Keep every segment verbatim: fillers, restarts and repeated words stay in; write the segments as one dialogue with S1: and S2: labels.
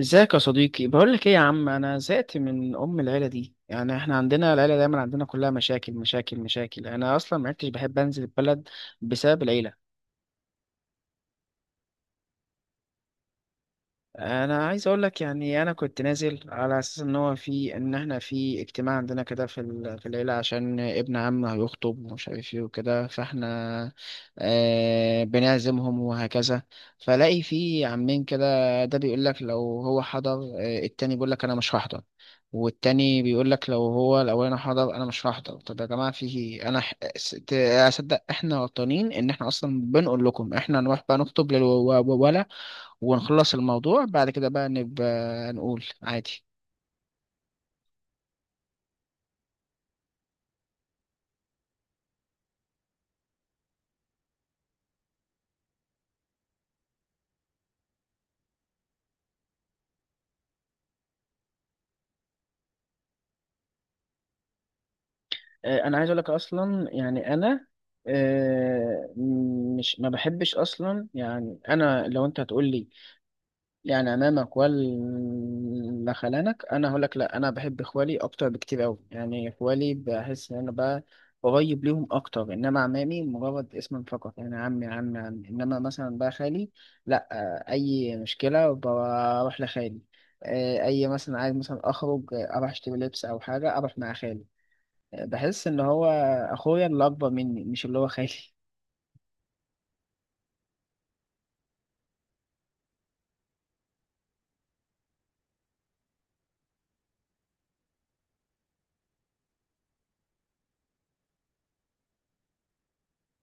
S1: ازيك يا صديقي؟ بقول لك ايه يا عم، انا زهقت من ام العيله دي. يعني احنا عندنا العيله دايما عندنا كلها مشاكل مشاكل مشاكل. انا اصلا ما عدتش بحب انزل البلد بسبب العيله. انا عايز اقول لك، يعني انا كنت نازل على اساس ان هو في ان احنا في اجتماع عندنا كده في ال- في العيله عشان ابن عم هيخطب، ومش عارف ايه وكده، فاحنا آه بنعزمهم وهكذا. فلاقي في عمين كده، ده بيقول لك لو هو حضر، آه التاني بيقول لك انا مش هحضر، والتاني بيقول لك لو هو الاولاني حضر انا مش هحضر. طب يا جماعه، في انا ح- س- ت- اصدق احنا غلطانين ان احنا اصلا بنقول لكم، احنا نروح بقى نخطب للولا ونخلص الموضوع، بعد كده بقى نبقى نقول عادي. آه، انا عايز اقول لك اصلا، يعني انا آه، مش ما بحبش اصلا. يعني انا لو انت هتقول لي يعني امامك ولا خلانك، انا هقول لك لا، انا بحب اخوالي اكتر بكتير قوي. يعني اخوالي بحس ان انا بقى قريب ليهم اكتر، انما عمامي مجرد اسم فقط، يعني عمي عمي عمي. انما مثلا بقى خالي، لا، آه، اي مشكله بروح لخالي. آه، اي مثلا عايز مثلا اخرج، آه، اروح اشتري لبس او حاجه، اروح مع خالي. آه، بحس ان هو اخويا اللي اكبر مني، مش اللي هو خالي.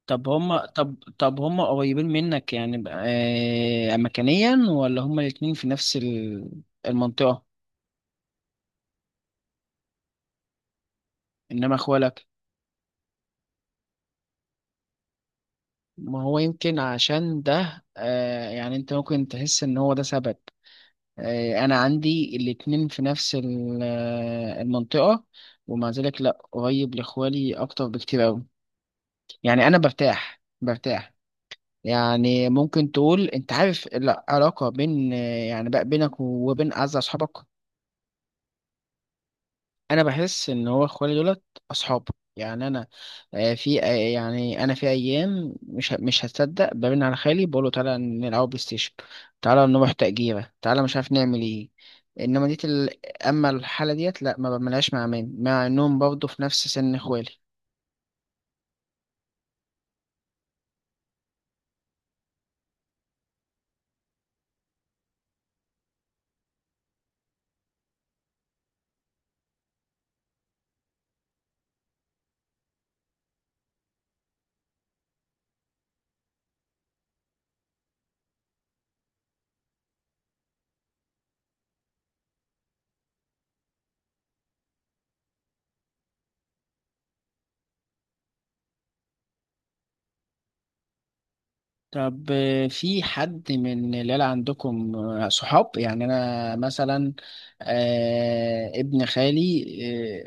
S1: طب هم طب طب هم قريبين منك، يعني ب- آه مكانيا، ولا هم الاتنين في نفس ال- المنطقة؟ انما اخوالك، ما هو يمكن عشان ده آه يعني انت ممكن تحس ان هو ده سبب. آه انا عندي الاتنين في نفس ال- آه، المنطقة، ومع ذلك لا، قريب لاخوالي اكتر بكتير اوي. يعني انا برتاح برتاح. يعني ممكن تقول، انت عارف العلاقة بين آه، يعني بقى بينك وبين اعز اصحابك، انا بحس ان هو اخوالي دولت اصحاب. يعني انا آه، في آه، يعني انا في ايام مش ه- مش هتصدق برن على خالي بقول له تعالى نلعب بلاي ستيشن، تعالى نروح تأجيرة، تعالى مش عارف نعمل ايه. انما ديت ال... اما الحاله ديت، لا ما بعملهاش مع مين، مع انهم برضه في نفس سن اخوالي. طب آه، في حد من العيلة عندكم آه، صحاب؟ يعني أنا مثلا آه، ابن خالي،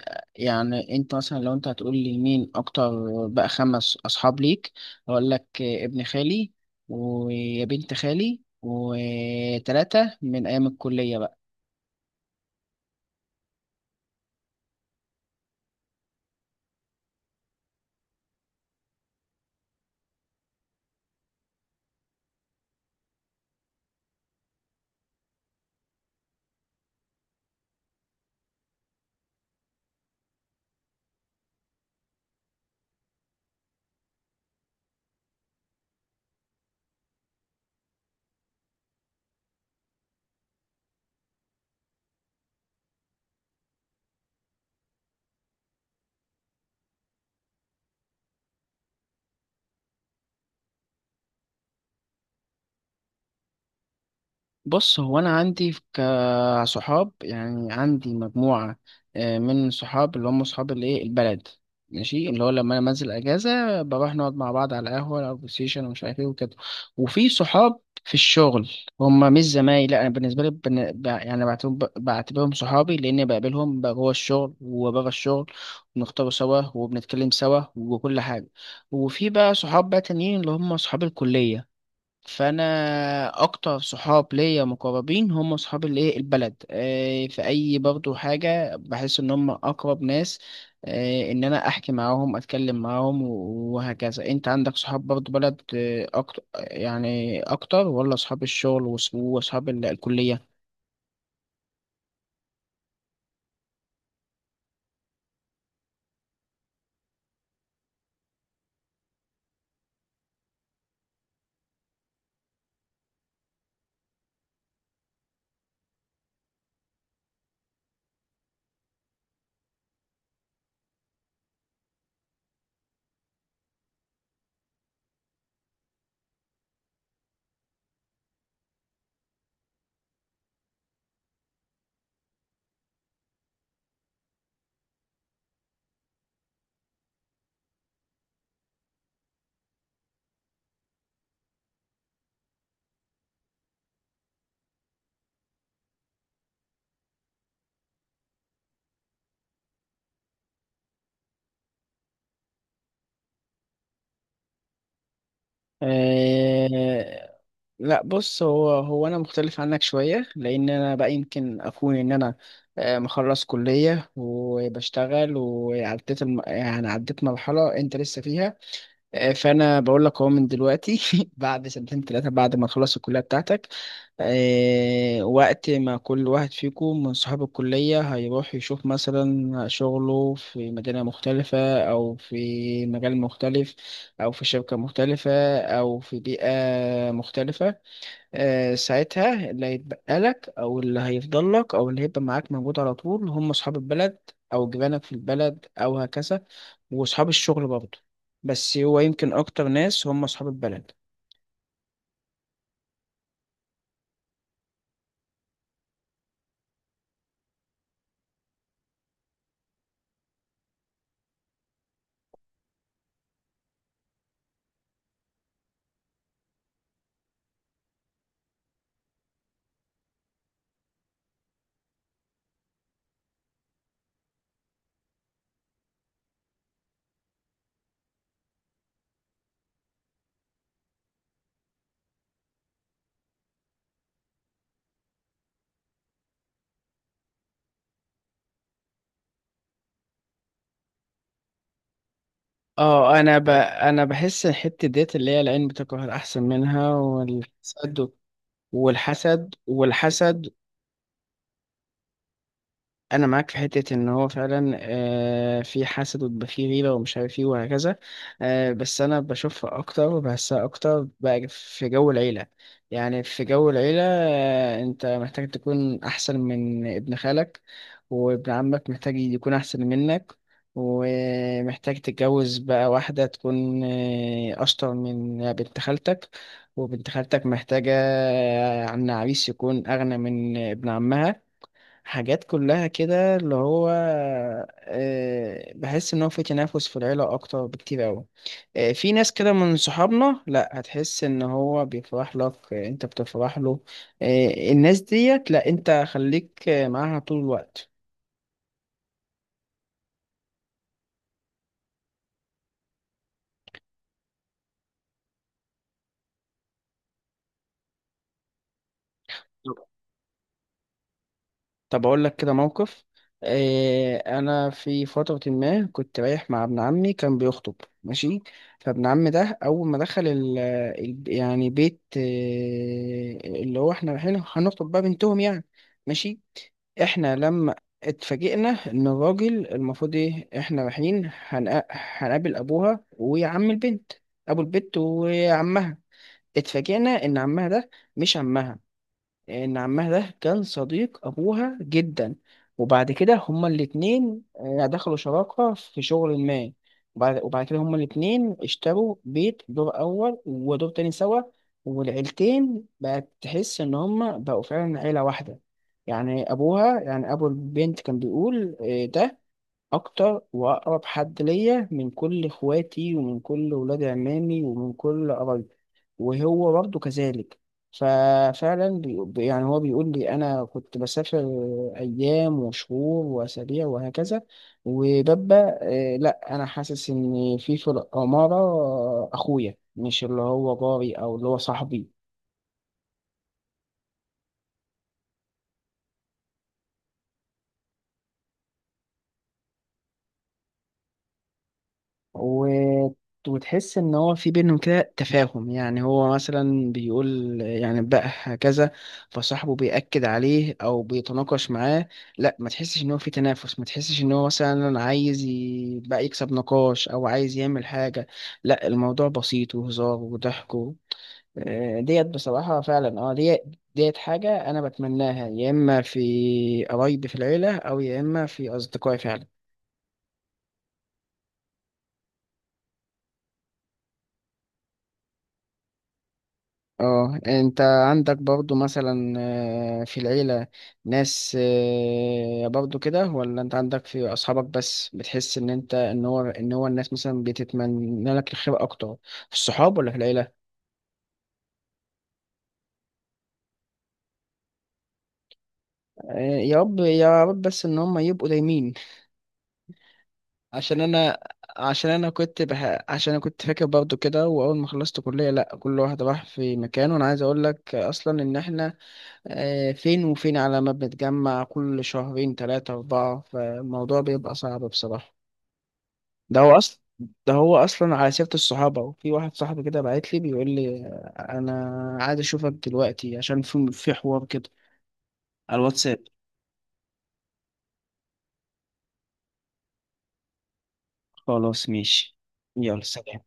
S1: آه، يعني أنت مثلا لو أنت هتقول لي مين أكتر بقى خمس أصحاب ليك، أقول لك آه، ابن خالي وبنت خالي وتلاتة من أيام الكلية. بص، هو انا عندي كصحاب يعني عندي مجموعه آه، من صحاب اللي هم صحاب الايه البلد، ماشي، اللي هو لما انا بنزل اجازه بروح نقعد مع بعض على قهوه او بلاي ستيشن ومش عارف ايه وكده. وفي صحاب في الشغل، هم مش زمايلي، لا، انا بالنسبه لي بن... ب... يعني بعتبر... بعتبرهم صحابي، لاني بقابلهم بقى جوه الشغل وبره الشغل، بنختار سوا وبنتكلم سوا وكل حاجه. وفي بقى صحاب بقى تانيين اللي هم صحاب الكليه. فانا اكتر صحاب ليا مقربين هم صحاب الايه البلد. آه، في اي برضو حاجه بحس ان هم اقرب ناس آه، ان انا احكي معاهم اتكلم معاهم و- وهكذا. انت عندك صحاب برضو بلد آه، اكتر، يعني اكتر، ولا صحاب الشغل وص- واصحاب ال- الكليه؟ آه، لا، بص، هو هو انا مختلف عنك شويه، لان انا بقى يمكن اكون ان انا آه، مخلص كليه وبشتغل، وعديت الم... يعني عديت مرحله انت لسه فيها. آه، فانا بقول لك اهو من دلوقتي بعد سنتين ثلاثه بعد ما تخلص الكليه بتاعتك، آه، وقت ما كل واحد فيكم من صحاب الكليه هيروح يشوف مثلا شغله في مدينه مختلفه، او في مجال مختلف، او في شركه مختلفه، او في بيئه مختلفه، آه، ساعتها اللي هيتبقى لك او اللي هيفضل لك او اللي هيبقى معاك موجود على طول هم اصحاب البلد، او جيرانك في البلد او هكذا، واصحاب الشغل برضه. بس هو يمكن اكتر ناس هم اصحاب البلد. اه، انا ب... انا بحس الحته ديت اللي هي العين بتكره الاحسن منها، والحسد والحسد والحسد. انا معاك في حته ان هو فعلا آه، في حسد، وبيبقى في غيره ومش عارف ايه وهكذا، آه، بس انا بشوفها اكتر وبحسها اكتر بقى في جو العيله. يعني في جو العيله آه، انت محتاج تكون احسن من ابن خالك، وابن عمك محتاج يكون احسن منك، ومحتاج تتجوز بقى واحده تكون آه، اشطر من بنت خالتك، وبنت خالتك محتاجه آه، عن عريس يكون اغنى من ابن عمها. حاجات كلها كده اللي هو آه، بحس ان هو في تنافس في العيله اكتر بكتير قوي. في ناس كده من صحابنا لا هتحس ان هو بيفرح لك، آه، انت بتفرح له، آه، الناس ديت لا، انت خليك آه، معاها طول الوقت. طب أقول لك كده موقف إيه. أنا في فترة ما كنت رايح مع ابن عمي كان بيخطب، ماشي. فابن عمي ده أول ما دخل ال ال- يعني بيت إيه، اللي هو إحنا رايحين هنخطب بقى بنتهم يعني، ماشي. إحنا لما اتفاجئنا إن الراجل المفروض إيه، إحنا رايحين هنق- هنقابل أبوها وعم البنت، أبو البنت وعمها. اتفاجئنا إن عمها ده مش عمها. ان عمها ده كان صديق ابوها جدا، وبعد كده هما الاتنين آه، دخلوا شراكة في شغل ما، وبعد, وبعد كده هما الاتنين اشتروا بيت دور اول ودور تاني سوا، والعيلتين بقت تحس ان هما بقوا فعلا عيلة واحدة. يعني ابوها يعني ابو البنت كان بيقول آه، ده اكتر واقرب حد ليا من كل اخواتي ومن كل ولاد عمامي ومن كل قرايبي. وهو برضه كذلك. ففعلا بي- بي- يعني هو بيقول لي انا كنت بسافر ايام وشهور واسابيع وهكذا، وببقى آه، لا، انا حاسس ان في في الاماره آه، اخويا، مش اللي هو جاري او اللي هو صاحبي. و... وتحس ان هو في بينهم كده تفاهم. يعني هو مثلا بيقول يعني بقى هكذا، فصاحبه بيأكد عليه او بيتناقش معاه. لا ما تحسش ان هو في تنافس، ما تحسش ان هو مثلا عايز ي- بقى يكسب نقاش او عايز يعمل حاجة. لا الموضوع بسيط وهزار وضحك و- آه، ديت بصراحة فعلا. اه، ديت ديت حاجة انا بتمناها، يا اما في قرايبي في العيلة او يا اما في اصدقائي فعلا. اه، انت عندك برضو مثلا آه، في العيلة ناس آه، برضو كده، ولا انت عندك في اصحابك بس بتحس ان انت ان هو ان هو الناس مثلا بتتمنى لك الخير اكتر، في الصحاب ولا في العيلة؟ آه، يا رب يا رب بس ان هم يبقوا دايمين. عشان انا عشان انا كنت بح... عشان انا كنت فاكر برضو كده، واول ما خلصت كلية لا كل واحد راح في مكان، وانا عايز اقول لك اصلا ان احنا آه، فين وفين، على ما بنتجمع كل شهرين تلاتة أربعة، فالموضوع بيبقى صعب بصراحة. ده هو أصلا ده هو أصلا على سيرة الصحابة، وفي واحد صاحبي كده بعت لي بيقول لي آه، أنا عايز أشوفك دلوقتي، عشان في في حوار كده على الواتساب. خلاص ماشي، يلا سلام.